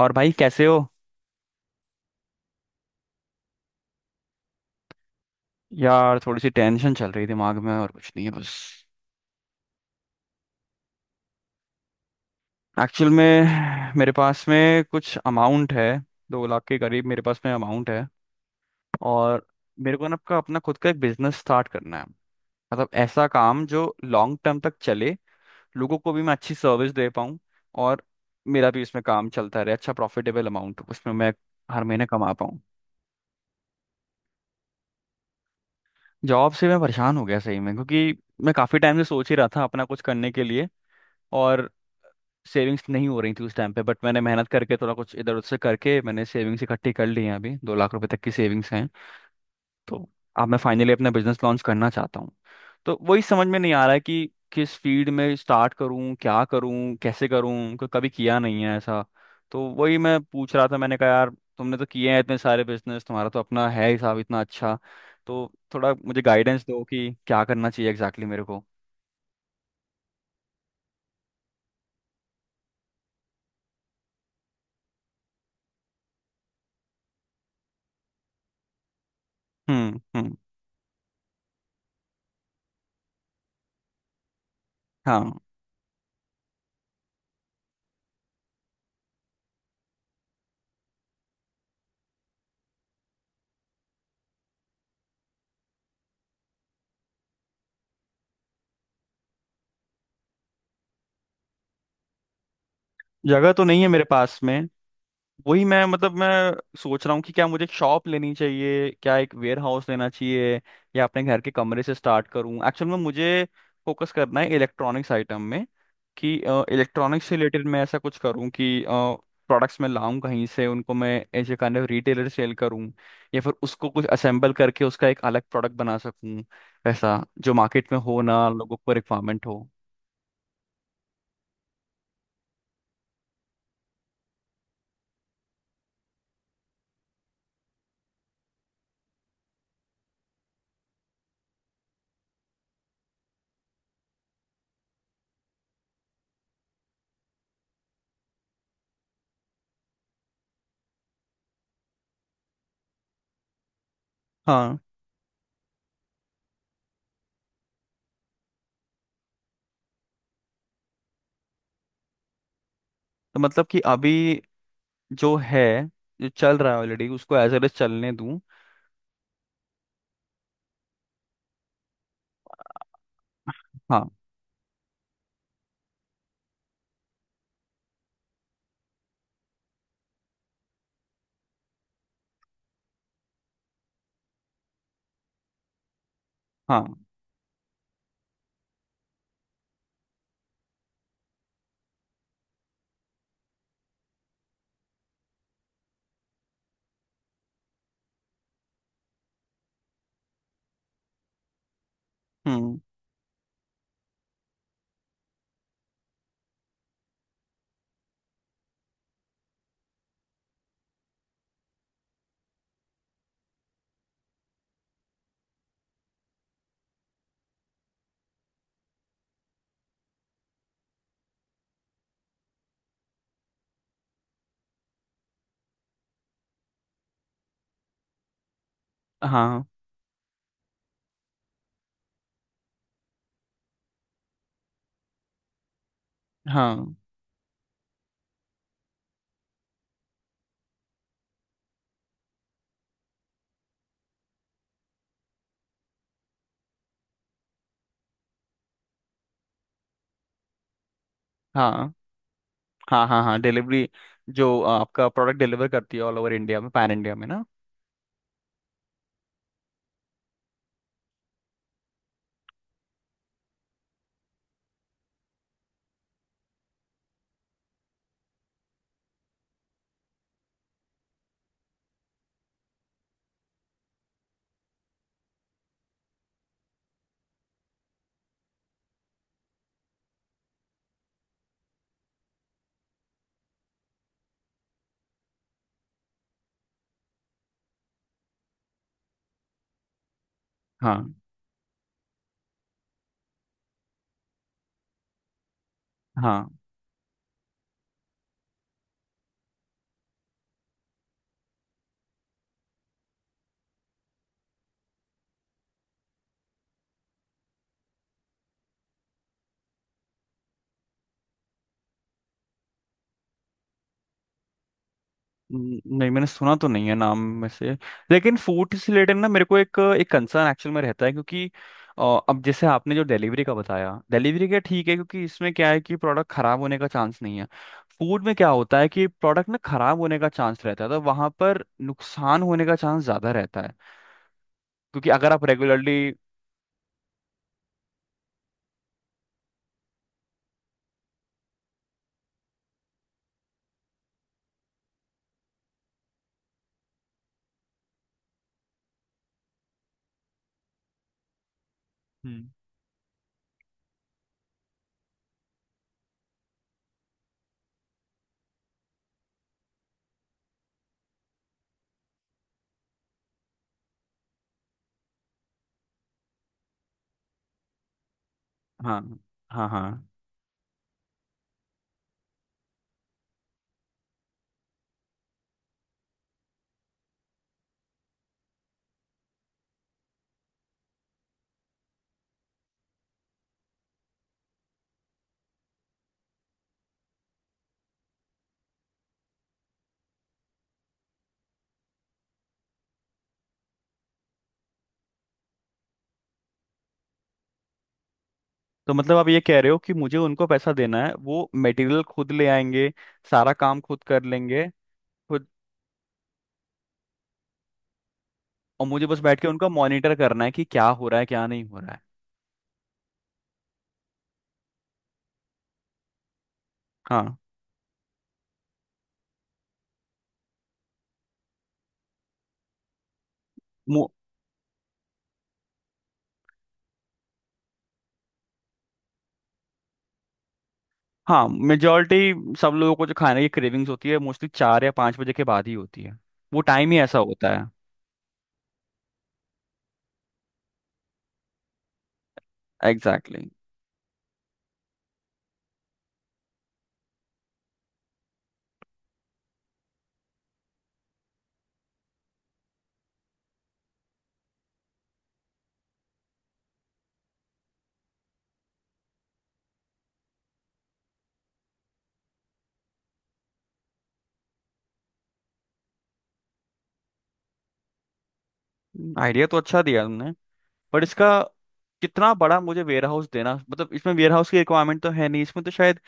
और भाई कैसे हो। यार थोड़ी सी टेंशन चल रही दिमाग में, और कुछ नहीं है बस। एक्चुअल में मेरे पास में कुछ अमाउंट है, 2 लाख के करीब मेरे पास में अमाउंट है। और मेरे को ना अपना अपना खुद का एक बिजनेस स्टार्ट करना है, मतलब ऐसा काम जो लॉन्ग टर्म तक चले, लोगों को भी मैं अच्छी सर्विस दे पाऊँ। और मेरा भी इसमें काम चलता रहे, अच्छा प्रॉफिटेबल अमाउंट उसमें मैं हर महीने कमा पाऊँ। जॉब से मैं परेशान हो गया सही में, क्योंकि मैं काफ़ी टाइम से सोच ही रहा था अपना कुछ करने के लिए। और सेविंग्स तो नहीं हो रही थी उस टाइम पे, बट मैंने मेहनत करके थोड़ा कुछ इधर उधर से करके मैंने सेविंग्स इकट्ठी कर ली हैं, अभी 2 लाख रुपए तक की सेविंग्स हैं। तो अब मैं फाइनली अपना बिजनेस लॉन्च करना चाहता हूँ। तो वही समझ में नहीं आ रहा है कि किस फील्ड में स्टार्ट करूँ, क्या करूँ, कैसे करूँ, कभी किया नहीं है ऐसा। तो वही मैं पूछ रहा था, मैंने कहा यार, तुमने तो किए हैं इतने सारे बिजनेस, तुम्हारा तो अपना है हिसाब इतना अच्छा, तो थोड़ा मुझे गाइडेंस दो कि क्या करना चाहिए एग्जैक्टली मेरे को। हम्म। हाँ, जगह तो नहीं है मेरे पास में। वही मैं मतलब मैं सोच रहा हूँ कि क्या मुझे एक शॉप लेनी चाहिए, क्या एक वेयर हाउस लेना चाहिए, या अपने घर के कमरे से स्टार्ट करूँ। एक्चुअल में मुझे फोकस करना है इलेक्ट्रॉनिक्स आइटम में, कि इलेक्ट्रॉनिक्स से रिलेटेड मैं ऐसा कुछ करूँ कि प्रोडक्ट्स मैं लाऊं कहीं से, उनको मैं ऐसे काइंड ऑफ रिटेलर सेल करूँ, या फिर उसको कुछ असेंबल करके उसका एक अलग प्रोडक्ट बना सकूँ, ऐसा जो मार्केट में हो ना, लोगों को रिक्वायरमेंट हो। हाँ, तो मतलब कि अभी जो है, जो चल रहा है ऑलरेडी, उसको एज एल एज चलने दूं। हाँ हाँ। हम्म। हाँ हाँ हाँ हाँ। हाँ हाँ, डिलीवरी, जो आपका प्रोडक्ट डिलीवर करती है ऑल ओवर इंडिया में, पैन इंडिया में ना। हाँ हाँ, नहीं मैंने सुना तो नहीं है नाम में से। लेकिन फूड से रिलेटेड ना, मेरे को एक एक कंसर्न एक्चुअल में रहता है, क्योंकि अ, अब जैसे आपने जो डिलीवरी का बताया, डिलीवरी का ठीक है, क्योंकि इसमें क्या है कि प्रोडक्ट खराब होने का चांस नहीं है। फूड में क्या होता है कि प्रोडक्ट में खराब होने का चांस रहता है, तो वहां पर नुकसान होने का चांस ज्यादा रहता है, क्योंकि अगर आप रेगुलरली। हाँ हाँ हाँ। तो मतलब आप ये कह रहे हो कि मुझे उनको पैसा देना है, वो मटेरियल खुद ले आएंगे, सारा काम खुद कर लेंगे। खुद। और मुझे बस बैठ के उनका मॉनिटर करना है कि क्या हो रहा है, क्या नहीं हो रहा है। हाँ। मो- हाँ मेजोरिटी सब लोगों को जो खाने की क्रेविंग्स होती है, मोस्टली 4 या 5 बजे के बाद ही होती है। वो टाइम ही ऐसा होता है। एग्जैक्टली। Exactly. आइडिया तो अच्छा दिया तुमने, पर इसका कितना बड़ा मुझे वेयर हाउस देना? मतलब इसमें वेयर हाउस की रिक्वायरमेंट तो है नहीं इसमें तो शायद।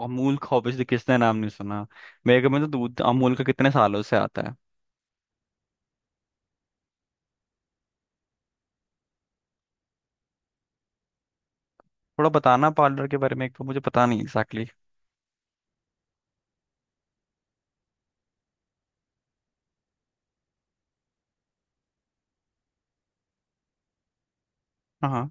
अमूल का ऑब्वियसली, किसने नाम नहीं सुना? मेरे घर में तो दूध अमूल का कितने सालों से आता है। थोड़ा बताना पार्लर के बारे में, एक तो मुझे पता नहीं एग्जैक्टली। Exactly. हाँ,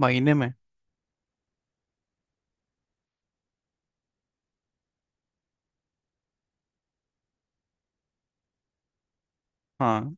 महीने में। हाँ,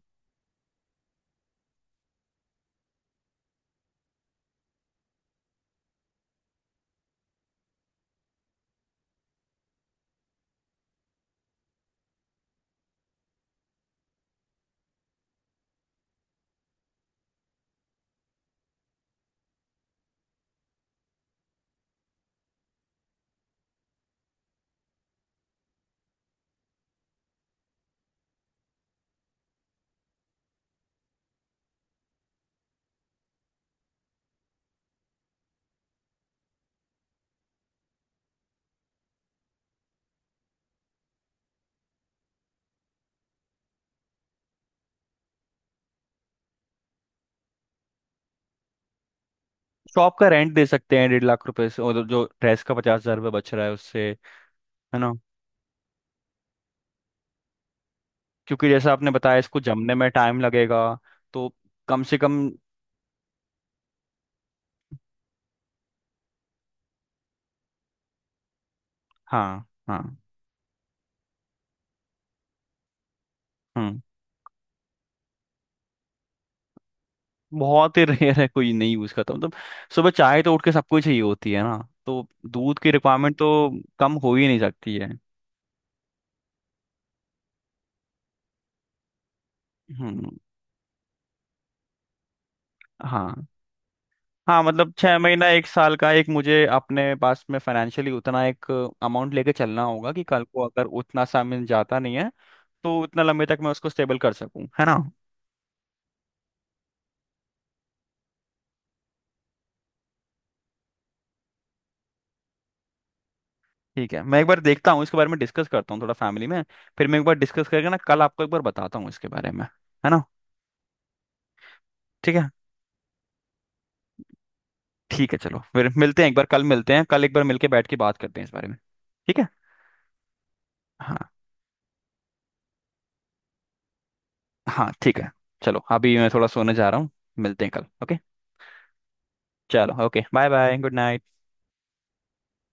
शॉप का रेंट दे सकते हैं 1.5 लाख रुपए से, और जो ड्रेस का 50 हजार रुपये बच रहा है उससे, है ना, क्योंकि जैसा आपने बताया इसको जमने में टाइम लगेगा, तो कम से कम। हाँ हाँ। हम्म। बहुत ही रेयर है कोई नहीं यूज करता मतलब। सुबह चाय तो उठ के सबको ही चाहिए होती है ना, तो दूध की रिक्वायरमेंट तो कम हो ही नहीं सकती है। हम्म। हाँ हाँ, मतलब 6 महीना एक साल का एक मुझे अपने पास में फाइनेंशियली उतना एक अमाउंट लेके चलना होगा, कि कल को अगर उतना सा मिल जाता नहीं है, तो उतना लंबे तक मैं उसको स्टेबल कर सकूं, है ना। ठीक है, मैं एक बार देखता हूँ इसके बारे में, डिस्कस करता हूँ थोड़ा फैमिली में। फिर मैं एक बार डिस्कस करके ना कल आपको एक बार बताता हूँ इसके बारे में, है ना। ठीक है। ठीक है, चलो फिर मिलते हैं एक बार, कल मिलते हैं, कल एक बार मिलके बैठ के बात करते हैं इस बारे में। ठीक है। हाँ, हाँ ठीक है। चलो, अभी मैं थोड़ा सोने जा रहा हूँ, मिलते हैं कल, ओके। चलो, okay, bye bye, good night.